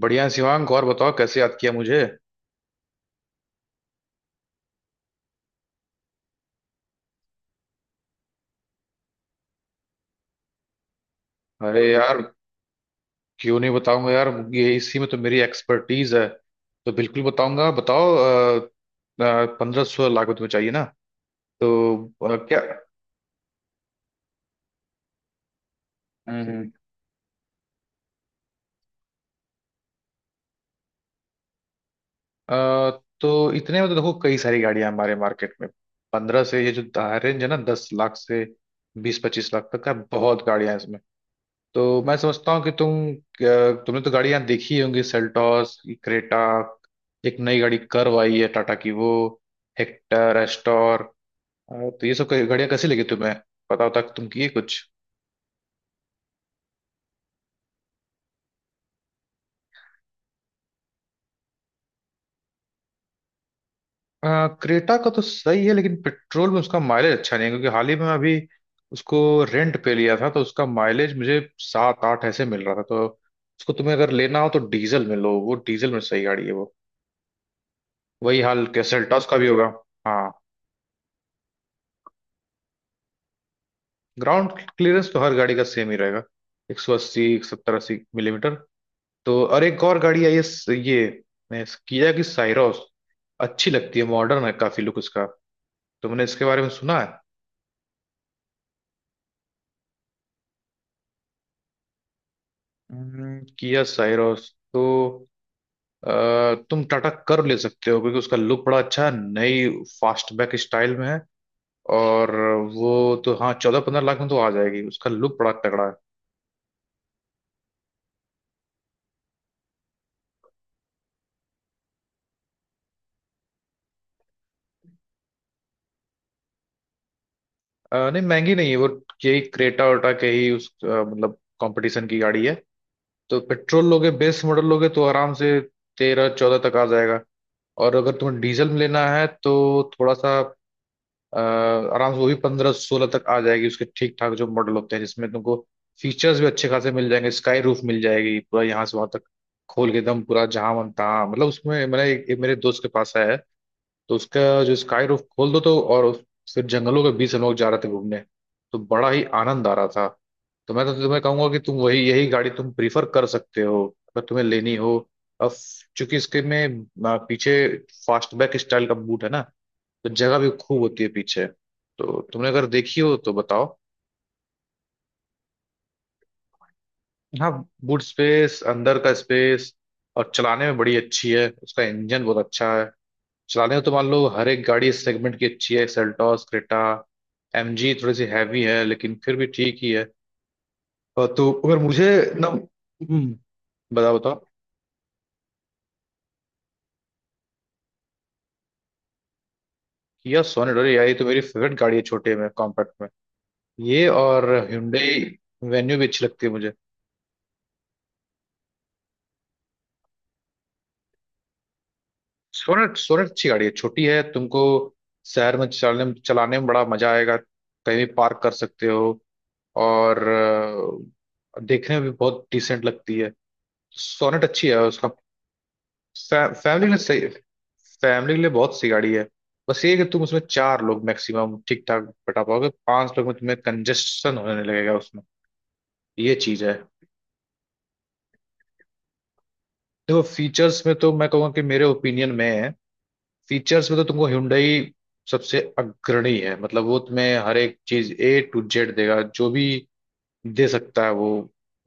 बढ़िया शिवांग, और बताओ कैसे याद किया मुझे। अरे यार, क्यों नहीं बताऊंगा यार। ये इसी में तो मेरी एक्सपर्टीज है, तो बिल्कुल बताऊंगा, बताओ। पंद्रह सोलह लाख में तुम्हें चाहिए ना? तो क्या? हम्म अ, तो इतने में तो देखो, कई सारी गाड़ियां हमारे मार्केट में। पंद्रह से ये जो रेंज है ना, दस लाख से बीस पच्चीस लाख तक का बहुत गाड़ियां हैं इसमें। तो मैं समझता हूँ कि तुम तुमने तो गाड़ियां देखी होंगी, सेल्टॉस, क्रेटा, एक नई गाड़ी कर्व आई है टाटा की वो, हेक्टर, एस्टोर अ, तो ये सब गाड़ियां कैसी लगी तुम्हें, पता होता तुम किए कुछ। अ, क्रेटा का तो सही है, लेकिन पेट्रोल में उसका माइलेज अच्छा नहीं है, क्योंकि हाल ही में मैं अभी उसको रेंट पे लिया था, तो उसका माइलेज मुझे सात आठ ऐसे मिल रहा था। तो उसको तुम्हें अगर लेना हो तो डीजल में लो, वो डीजल में सही गाड़ी है वो। वही हाल के सेल्टॉस का भी होगा। हाँ। ग्राउंड क्लियरेंस तो हर गाड़ी का सेम ही रहेगा, एक सौ अस्सी, एक सत्तर अस्सी मिलीमीटर। तो और एक और गाड़ी आई है ये किया की साइरोस, अच्छी लगती है, मॉडर्न है, काफी लुक उसका। तुमने इसके बारे में सुना है? किया साइरोस तो अ, तुम टाटा कर्व ले सकते हो, क्योंकि उसका लुक बड़ा अच्छा है, नई फास्टबैक स्टाइल में है। और वो तो हाँ, चौदह पंद्रह लाख में तो आ जाएगी, उसका लुक बड़ा तगड़ा है। नहीं, महंगी नहीं है वो, यही क्रेटा वेटा के ही उस मतलब कंपटीशन की गाड़ी है। तो पेट्रोल लोगे, बेस मॉडल लोगे, तो आराम से तेरह चौदह तक आ जाएगा। और अगर तुम्हें डीजल में लेना है, तो थोड़ा सा आराम से वो भी पंद्रह सोलह तक आ जाएगी। उसके ठीक ठाक जो मॉडल होते हैं जिसमें तुमको फीचर्स भी अच्छे खासे मिल जाएंगे, स्काई रूफ मिल जाएगी, पूरा यहाँ से वहां तक खोल के, एकदम पूरा जहाँ मन तहाँ, मतलब उसमें मैंने एक मेरे दोस्त के पास आया है, तो उसका जो स्काई रूफ खोल दो तो, और फिर जंगलों के बीच हम लोग जा रहे थे घूमने, तो बड़ा ही आनंद आ रहा था। तो मैं तो तुम्हें कहूंगा कि तुम वही, यही गाड़ी तुम प्रीफर कर सकते हो, अगर तुम्हें लेनी हो। अब चूंकि इसके में पीछे फास्टबैक स्टाइल का बूट है ना, तो जगह भी खूब होती है पीछे। तो तुमने अगर देखी हो तो बताओ। हाँ, बूट स्पेस, अंदर का स्पेस, और चलाने में बड़ी अच्छी है, उसका इंजन बहुत अच्छा है। चलाने में तो मान लो हर एक गाड़ी इस सेगमेंट की अच्छी है, सेल्टॉस, क्रेटा, एमजी थोड़ी सी हैवी है लेकिन फिर भी ठीक ही है। और तो अगर मुझे ना। बताओ बताओ। किया सोनेट, अरे यार, ये तो मेरी फेवरेट गाड़ी है छोटे में, कॉम्पैक्ट में। ये और Hyundai वेन्यू भी अच्छी लगती है मुझे। सोनेट, सोनेट अच्छी गाड़ी है, छोटी है, तुमको शहर में चलने चलाने में बड़ा मजा आएगा, कहीं भी पार्क कर सकते हो। और देखने में भी बहुत डिसेंट लगती है। सोनेट अच्छी है उसका। फैमिली के लिए सही, फैमिली के लिए बहुत सी गाड़ी है। बस ये है कि तुम उसमें चार लोग मैक्सिमम ठीक ठाक बैठा पाओगे, पांच लोग में तुम्हें कंजेशन होने लगेगा उसमें, ये चीज है। देखो, फीचर्स में तो मैं कहूँगा कि मेरे ओपिनियन में है, फीचर्स में तो तुमको Hyundai सबसे अग्रणी है, मतलब वो तुम्हें हर एक चीज ए टू जेड देगा, जो भी दे सकता है वो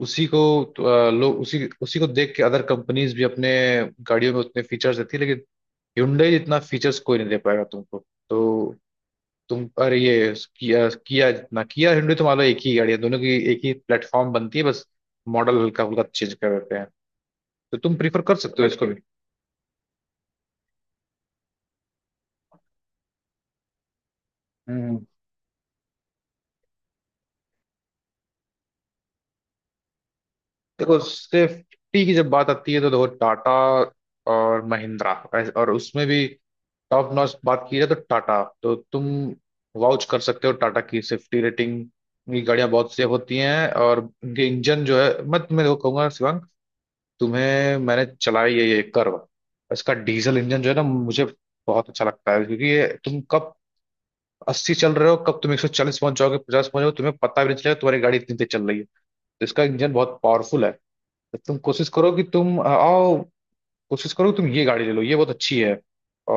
उसी को। तो, लोग उसी उसी को देख के अदर कंपनीज भी अपने गाड़ियों में उतने फीचर्स देती है, लेकिन Hyundai जितना फीचर्स कोई नहीं दे पाएगा तुमको। तो तुम, अरे ये किया, किया जितना किया Hyundai तो मान लो एक ही गाड़ी है दोनों की, एक ही प्लेटफॉर्म बनती है, बस मॉडल हल्का फुल्का चेंज कर देते हैं। तो तुम प्रीफर कर सकते हो इसको भी। हम्म। देखो, सेफ्टी की जब बात आती है तो देखो, टाटा और महिंद्रा और उसमें भी टॉप नॉच बात की जाए तो टाटा, तो तुम वाउच कर सकते हो, टाटा की सेफ्टी रेटिंग की गाड़ियां बहुत सेफ होती हैं, और उनके इंजन जो है, मैं तुम्हें देखो कहूंगा शिवांग, तुम्हें मैंने चलाई है ये कर्व, इसका डीजल इंजन जो है ना, मुझे बहुत अच्छा लगता है, क्योंकि ये तुम कब अस्सी चल रहे हो, कब तुम एक सौ चालीस पहुंच जाओगे, पचास पहुंच जाओगे, तुम्हें पता भी नहीं चलेगा तुम्हारी गाड़ी इतनी तेज चल रही है। तो इसका इंजन बहुत पावरफुल है। तो तुम कोशिश करो कि तुम आओ, कोशिश करो कि तुम ये गाड़ी ले लो, ये बहुत अच्छी है।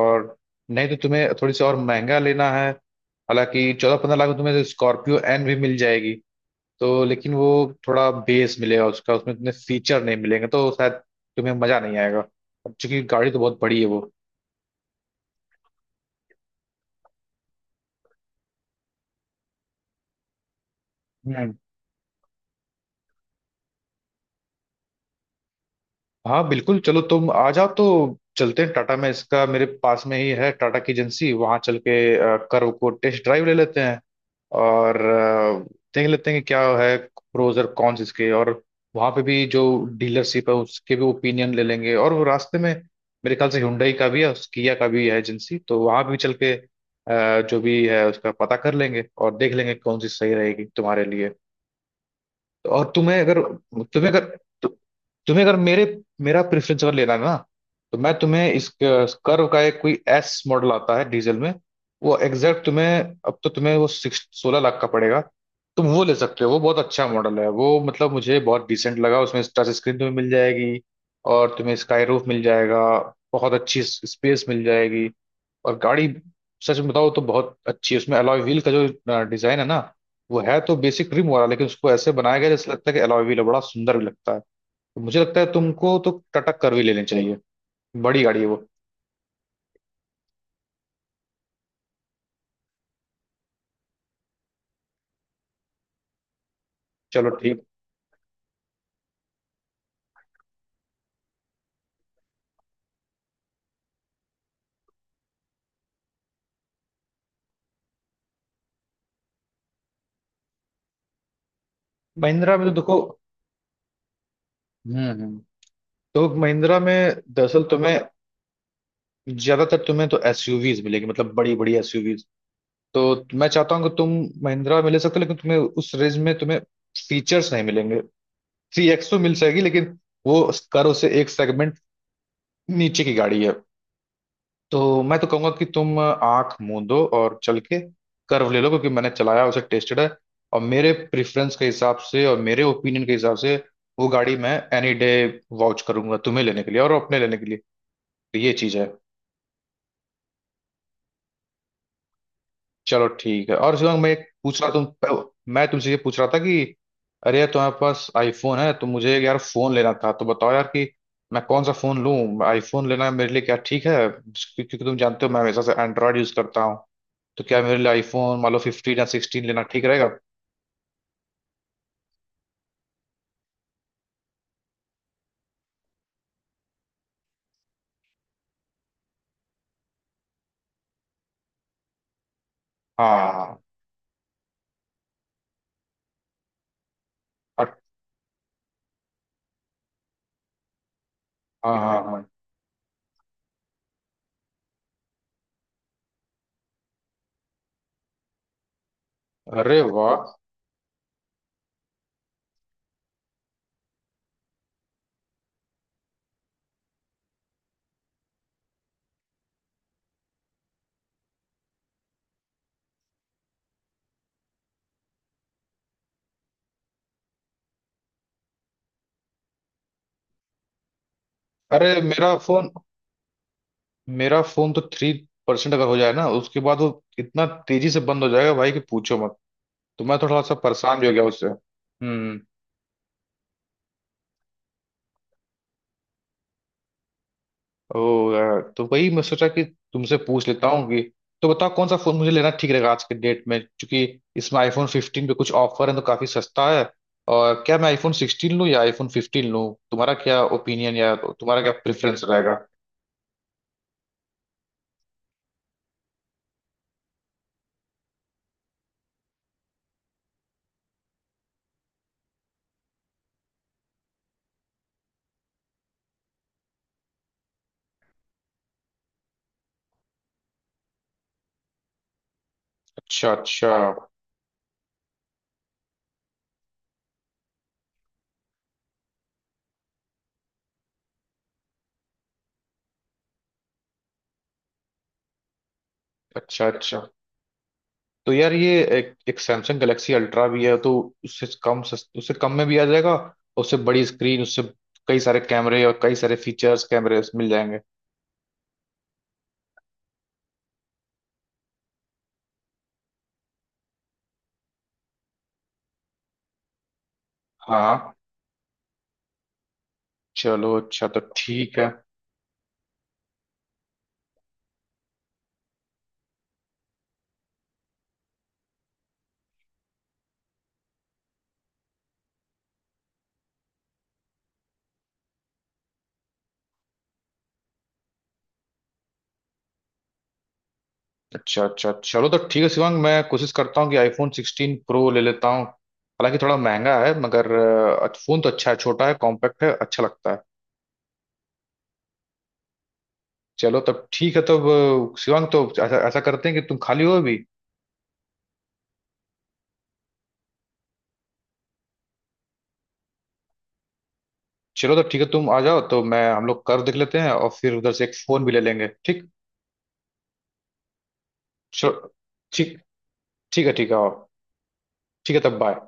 और नहीं तो तुम्हें थोड़ी सी और महंगा लेना है। हालांकि चौदह पंद्रह लाख में तुम्हें स्कॉर्पियो एन भी मिल जाएगी। तो लेकिन वो थोड़ा बेस मिलेगा उसका, उसमें तुम्हें फीचर नहीं मिलेंगे, तो शायद तुम्हें मजा नहीं आएगा। अब चूंकि गाड़ी तो बहुत बड़ी है वो। हम्म। हाँ बिल्कुल, चलो तुम आ जाओ तो चलते हैं टाटा में, इसका मेरे पास में ही है टाटा की एजेंसी, वहां चल के कर्व को टेस्ट ड्राइव ले लेते हैं, और देख लेते हैं कि क्या है प्रोज और कॉन्स इसके। और वहां पे भी जो डीलरशिप है उसके भी ओपिनियन ले लेंगे। और वो रास्ते में मेरे ख्याल से Hyundai का भी है, उस किया का भी है एजेंसी, तो वहां भी चल के जो भी है उसका पता कर लेंगे और देख लेंगे कौन सी सही रहेगी तुम्हारे लिए। और तुम्हें अगर, तुम्हें अगर तु, तुम्हें अगर मेरे मेरा प्रेफरेंस अगर लेना है ना, तो मैं तुम्हें इस कर्व का एक कोई एस मॉडल आता है डीजल में, वो एग्जैक्ट तुम्हें, अब तो तुम्हें वो सिक्स सोलह लाख का पड़ेगा, तुम वो ले सकते हो, वो बहुत अच्छा मॉडल है वो, मतलब मुझे बहुत डिसेंट लगा। उसमें टच स्क्रीन तुम्हें मिल जाएगी, और तुम्हें स्काई रूफ मिल जाएगा, बहुत अच्छी स्पेस मिल जाएगी, और गाड़ी सच में बताओ तो बहुत अच्छी है, उसमें अलॉय व्हील का जो डिजाइन है ना, वो है तो बेसिक रिम वाला, लेकिन उसको ऐसे बनाया गया जैसे लगता है कि अलॉय व्हील है, बड़ा सुंदर भी लगता है। तो मुझे लगता है तुमको तो टटक कर भी ले लेनी चाहिए, बड़ी गाड़ी है वो। चलो ठीक। महिंद्रा में तो देखो। हम्म। तो महिंद्रा में दरअसल तुम्हें ज्यादातर तुम्हें तो एसयूवीज मिलेगी, मतलब बड़ी बड़ी एसयूवीज। तो मैं चाहता हूँ कि तुम महिंद्रा में ले सकते हो, लेकिन तुम्हें उस रेंज में तुम्हें फीचर्स नहीं मिलेंगे। थ्री एक्स तो मिल जाएगी, लेकिन वो कर्व से एक सेगमेंट नीचे की गाड़ी है। तो मैं तो कहूंगा कि तुम आंख मूंदो और चल के कर्व ले लो, क्योंकि मैंने चलाया उसे, टेस्टेड है। और मेरे प्रेफरेंस के हिसाब से और मेरे ओपिनियन के हिसाब से वो गाड़ी मैं एनी डे वाउच करूंगा तुम्हें लेने के लिए और अपने लेने के लिए। तो ये चीज है। चलो ठीक है। और शिवंग, मैं एक पूछ रहा तुम, मैं तुमसे ये पूछ रहा था कि अरे यार तुम्हारे पास आईफोन है, तो मुझे यार फोन लेना था, तो बताओ यार कि मैं कौन सा फोन लूं। आईफोन लेना मेरे लिए क्या ठीक है, क्योंकि तुम जानते हो मैं हमेशा से एंड्रॉयड यूज करता हूँ। तो क्या मेरे लिए आईफोन मान लो फिफ्टीन या सिक्सटीन लेना ठीक रहेगा? हाँ। अट- हाँ हाँ, हाँ, हाँ। अरे वाह। अरे मेरा फोन, मेरा फोन तो थ्री परसेंट अगर हो जाए ना, उसके बाद वो इतना तेजी से बंद हो जाएगा भाई कि पूछो मत। तो मैं थोड़ा सा परेशान भी हो गया उससे। हम्म। ओ यार, तो वही मैं सोचा कि तुमसे पूछ लेता हूँ कि, तो बताओ कौन सा फोन मुझे लेना ठीक रहेगा आज के डेट में, क्योंकि इसमें आईफोन 15 पे कुछ ऑफर है, तो काफी सस्ता है। और क्या मैं आईफोन 16 लूँ या आईफोन 15 लूँ, तुम्हारा क्या ओपिनियन या तुम्हारा क्या प्रेफरेंस रहेगा? अच्छा अच्छा। अच्छा अच्छा। तो यार ये एक सैमसंग गैलेक्सी अल्ट्रा भी है, तो उससे कम, उससे कम में भी आ जाएगा, और उससे बड़ी स्क्रीन, उससे कई सारे कैमरे और कई सारे फीचर्स कैमरे मिल जाएंगे। हाँ। चलो, अच्छा तो ठीक है। अच्छा अच्छा, चलो तो ठीक है शिवांग, मैं कोशिश करता हूँ कि आईफोन सिक्सटीन प्रो ले लेता हूँ, हालांकि थोड़ा महंगा है, मगर फोन तो अच्छा है, छोटा है, कॉम्पैक्ट है, अच्छा लगता है। चलो तब ठीक है। तब शिवांग तो ऐसा ऐसा करते हैं कि तुम खाली हो अभी? चलो तो ठीक है, तुम आ जाओ तो मैं, हम लोग कर देख लेते हैं, और फिर उधर से एक फोन भी ले लेंगे। ठीक? चलो। ठीक। ठीक है, ठीक है। और ठीक है तब, बाय।